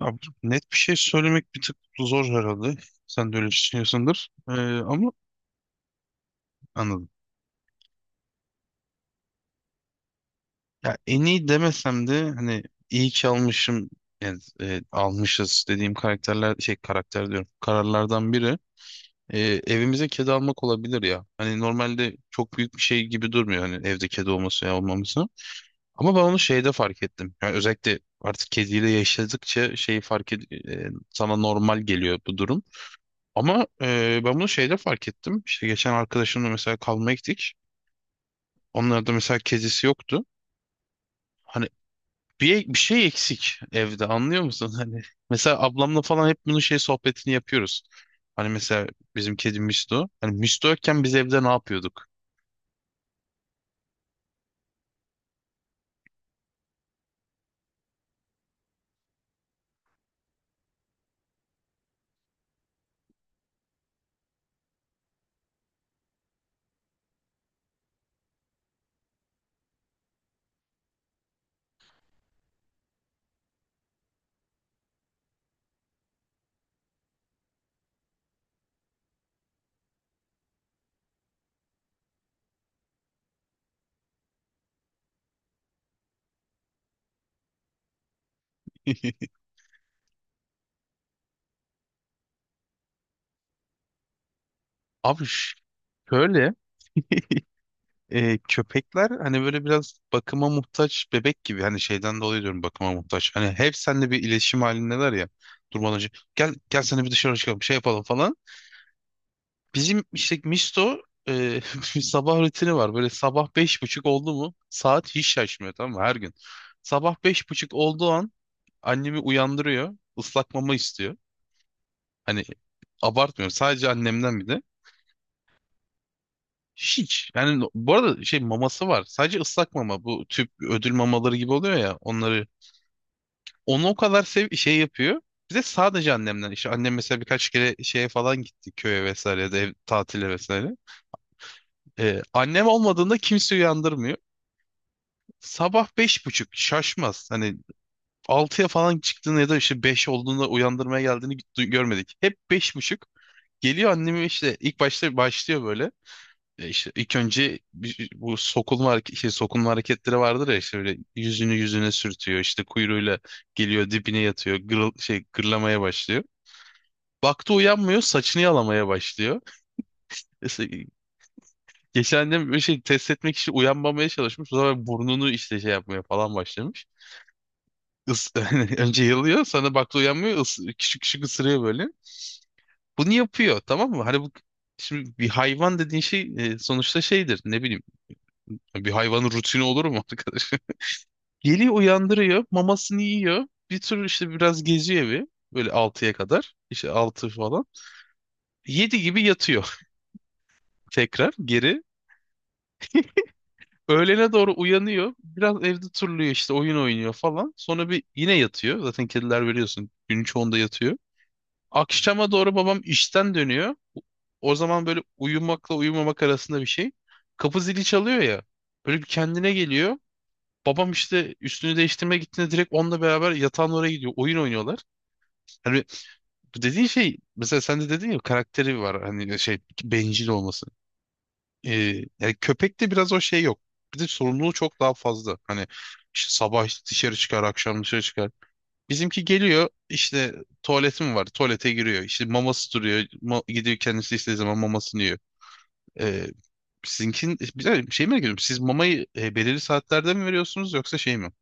Abi, net bir şey söylemek bir tık zor herhalde. Sen de öyle düşünüyorsundur. Ama anladım. Ya en iyi demesem de hani iyi ki almışım yani almışız dediğim karakterler şey karakter diyorum kararlardan biri e, evimize kedi almak olabilir ya. Hani normalde çok büyük bir şey gibi durmuyor hani evde kedi olması ya olmaması. Ama ben onu şeyde fark ettim. Yani özellikle artık kediyle yaşadıkça şeyi fark sana normal geliyor bu durum. Ama ben bunu şeyde fark ettim. İşte geçen arkadaşımla mesela kalmaya gittik. Onlarda mesela kezesi yoktu. Hani bir şey eksik evde anlıyor musun? Hani mesela ablamla falan hep bunun şey sohbetini yapıyoruz. Hani mesela bizim kedi Misto. Hani Misto yokken biz evde ne yapıyorduk? Abi ş- şöyle köpekler hani böyle biraz bakıma muhtaç bebek gibi hani şeyden dolayı diyorum bakıma muhtaç. Hani hep seninle bir iletişim halindeler ya durmadan önce gel gel seni bir dışarı çıkalım şey yapalım falan. Bizim işte Misto e, bir sabah rutini var. Böyle sabah beş buçuk oldu mu saat hiç şaşmıyor tamam mı her gün. Sabah beş buçuk olduğu an annemi uyandırıyor. Islak mama istiyor. Hani abartmıyorum sadece annemden bir de. Hiç yani bu arada şey maması var. Sadece ıslak mama bu tüp ödül mamaları gibi oluyor ya onları. Onu o kadar sev şey yapıyor. Bir de sadece annemden işte annem mesela birkaç kere şeye falan gitti köye vesaire ya da ev, tatile vesaire. Annem olmadığında kimse uyandırmıyor. Sabah beş buçuk şaşmaz. Hani altıya falan çıktığını ya da işte 5 olduğunda uyandırmaya geldiğini görmedik. Hep beş buçuk. Geliyor annemi işte ilk başta başlıyor böyle. E işte ilk önce bu sokulma, sokulma hareketleri vardır ya işte böyle yüzünü yüzüne sürtüyor. İşte kuyruğuyla geliyor dibine yatıyor. Gırlamaya başlıyor. Baktı uyanmıyor saçını yalamaya başlıyor. İşte geçen de bir şey test etmek için uyanmamaya çalışmış. O zaman burnunu işte şey yapmaya falan başlamış. Is önce yalıyor sonra baktı uyanmıyor küçük küçük ısırıyor böyle. Bunu yapıyor tamam mı? Hani bu şimdi bir hayvan dediğin şey sonuçta şeydir ne bileyim bir hayvanın rutini olur mu arkadaş? Geliyor uyandırıyor mamasını yiyor bir tür işte biraz geziyor evi böyle altıya kadar işte 6 falan. 7 gibi yatıyor tekrar geri. Öğlene doğru uyanıyor. Biraz evde turluyor işte oyun oynuyor falan. Sonra bir yine yatıyor. Zaten kediler biliyorsun günün çoğunda yatıyor. Akşama doğru babam işten dönüyor. O zaman böyle uyumakla uyumamak arasında bir şey. Kapı zili çalıyor ya. Böyle bir kendine geliyor. Babam işte üstünü değiştirmeye gittiğinde direkt onunla beraber yatağın oraya gidiyor. Oyun oynuyorlar. Hani bu dediğin şey mesela sen de dedin ya karakteri var. Hani şey bencil olması. Ee, yani köpekte biraz o şey yok. Bir de sorumluluğu çok daha fazla. Hani işte sabah dışarı çıkar, akşam dışarı çıkar. Bizimki geliyor işte tuvaleti mi var? Tuvalete giriyor. İşte maması duruyor. Gidiyor kendisi istediği zaman mamasını yiyor. Ee, sizinkin bir dakika, şey mi ediyorum. Siz mamayı belirli saatlerde mi veriyorsunuz yoksa şey mi?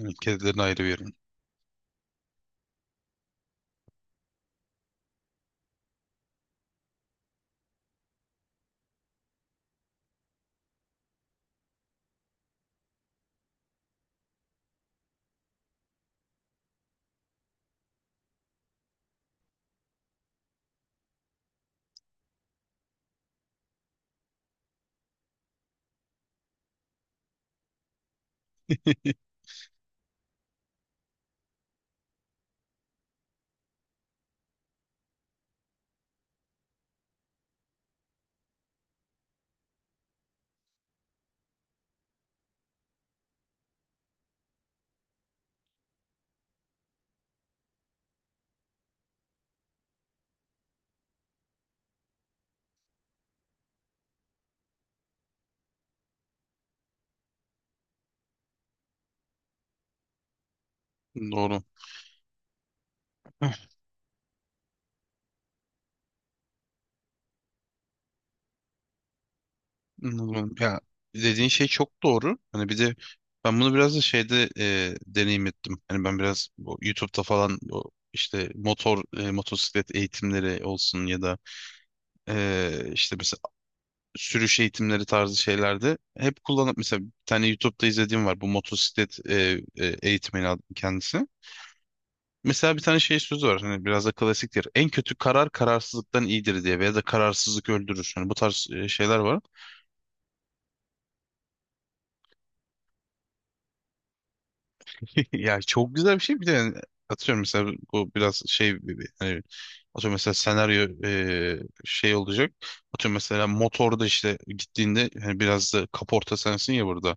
Evet, kedilerin ayrı verin. Doğru. Anladım. Ya dediğin şey çok doğru. Hani bir de ben bunu biraz da şeyde deneyim ettim. Hani ben biraz bu YouTube'da falan bu işte motosiklet eğitimleri olsun ya da işte mesela sürüş eğitimleri tarzı şeylerde hep kullanıp mesela bir tane YouTube'da izlediğim var bu motosiklet eğitmeni kendisi. Mesela bir tane şey sözü var hani biraz da klasiktir. En kötü karar kararsızlıktan iyidir diye veya da kararsızlık öldürür. Yani bu tarz şeyler var. Ya çok güzel bir şey bir de yani atıyorum mesela bu biraz şey gibi hani atıyorum mesela şey olacak. Atıyorum mesela motorda işte gittiğinde hani biraz da kaporta sensin ya burada.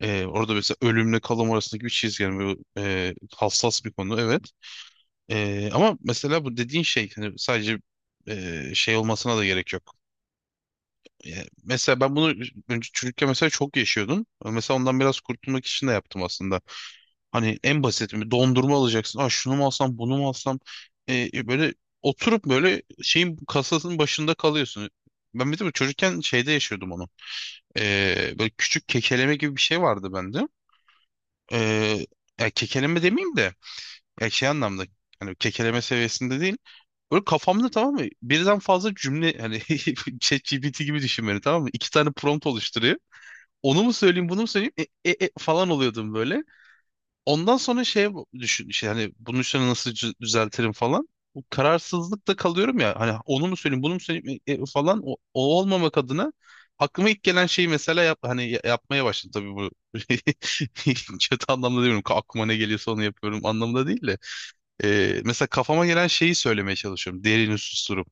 Orada mesela ölümle kalım arasındaki bir çizgi yani bu, hassas bir konu evet. Ama mesela bu dediğin şey hani sadece şey olmasına da gerek yok. Yani mesela ben bunu önce çocukken mesela çok yaşıyordum. Mesela ondan biraz kurtulmak için de yaptım aslında. Hani en basit bir dondurma alacaksın. Aa şunu mu alsam bunu mu alsam. Böyle oturup böyle şeyin kasasının başında kalıyorsun. Ben bir de bu çocukken şeyde yaşıyordum onu. Böyle küçük kekeleme gibi bir şey vardı bende. Ee, ya kekeleme demeyeyim de ya şey anlamda hani kekeleme seviyesinde değil. Böyle kafamda tamam mı? Birden fazla cümle hani ChatGPT gibi düşün beni tamam mı? İki tane prompt oluşturuyor. Onu mu söyleyeyim bunu mu söyleyeyim falan oluyordum böyle. Ondan sonra şey düşün işte hani bunun üstüne nasıl düzeltirim falan. Bu kararsızlıkta kalıyorum ya hani onu mu söyleyeyim bunu mu söyleyeyim falan o olmamak adına aklıma ilk gelen şeyi mesela yap, hani yapmaya başladım tabii bu kötü anlamda demiyorum aklıma ne geliyorsa onu yapıyorum anlamında değil de. Mesela kafama gelen şeyi söylemeye çalışıyorum derini susturup.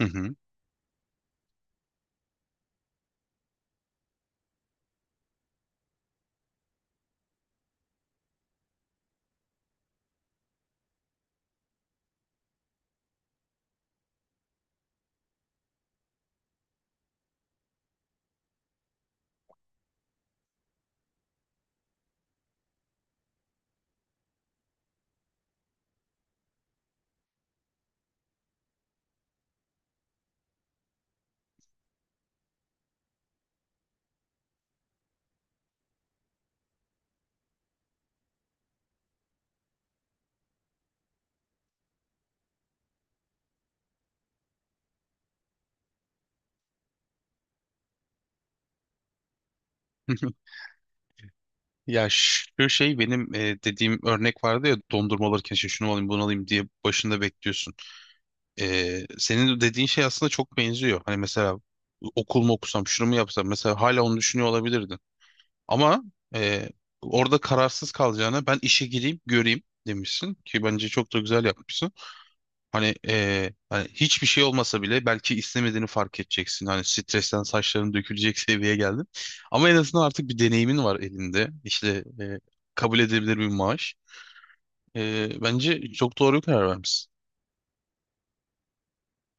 Hı hı. Ya şu şey benim dediğim örnek vardı ya dondurma alırken şey şunu alayım bunu alayım diye başında bekliyorsun. Senin dediğin şey aslında çok benziyor. Hani mesela okul mu okusam, şunu mu yapsam mesela hala onu düşünüyor olabilirdin. Ama e, orada kararsız kalacağına ben işe gireyim, göreyim demişsin ki bence çok da güzel yapmışsın. Hani, hani hiçbir şey olmasa bile belki istemediğini fark edeceksin. Hani stresten saçların dökülecek seviyeye geldin. Ama en azından artık bir deneyimin var elinde. İşte kabul edilebilir bir maaş. Bence çok doğru bir karar vermişsin.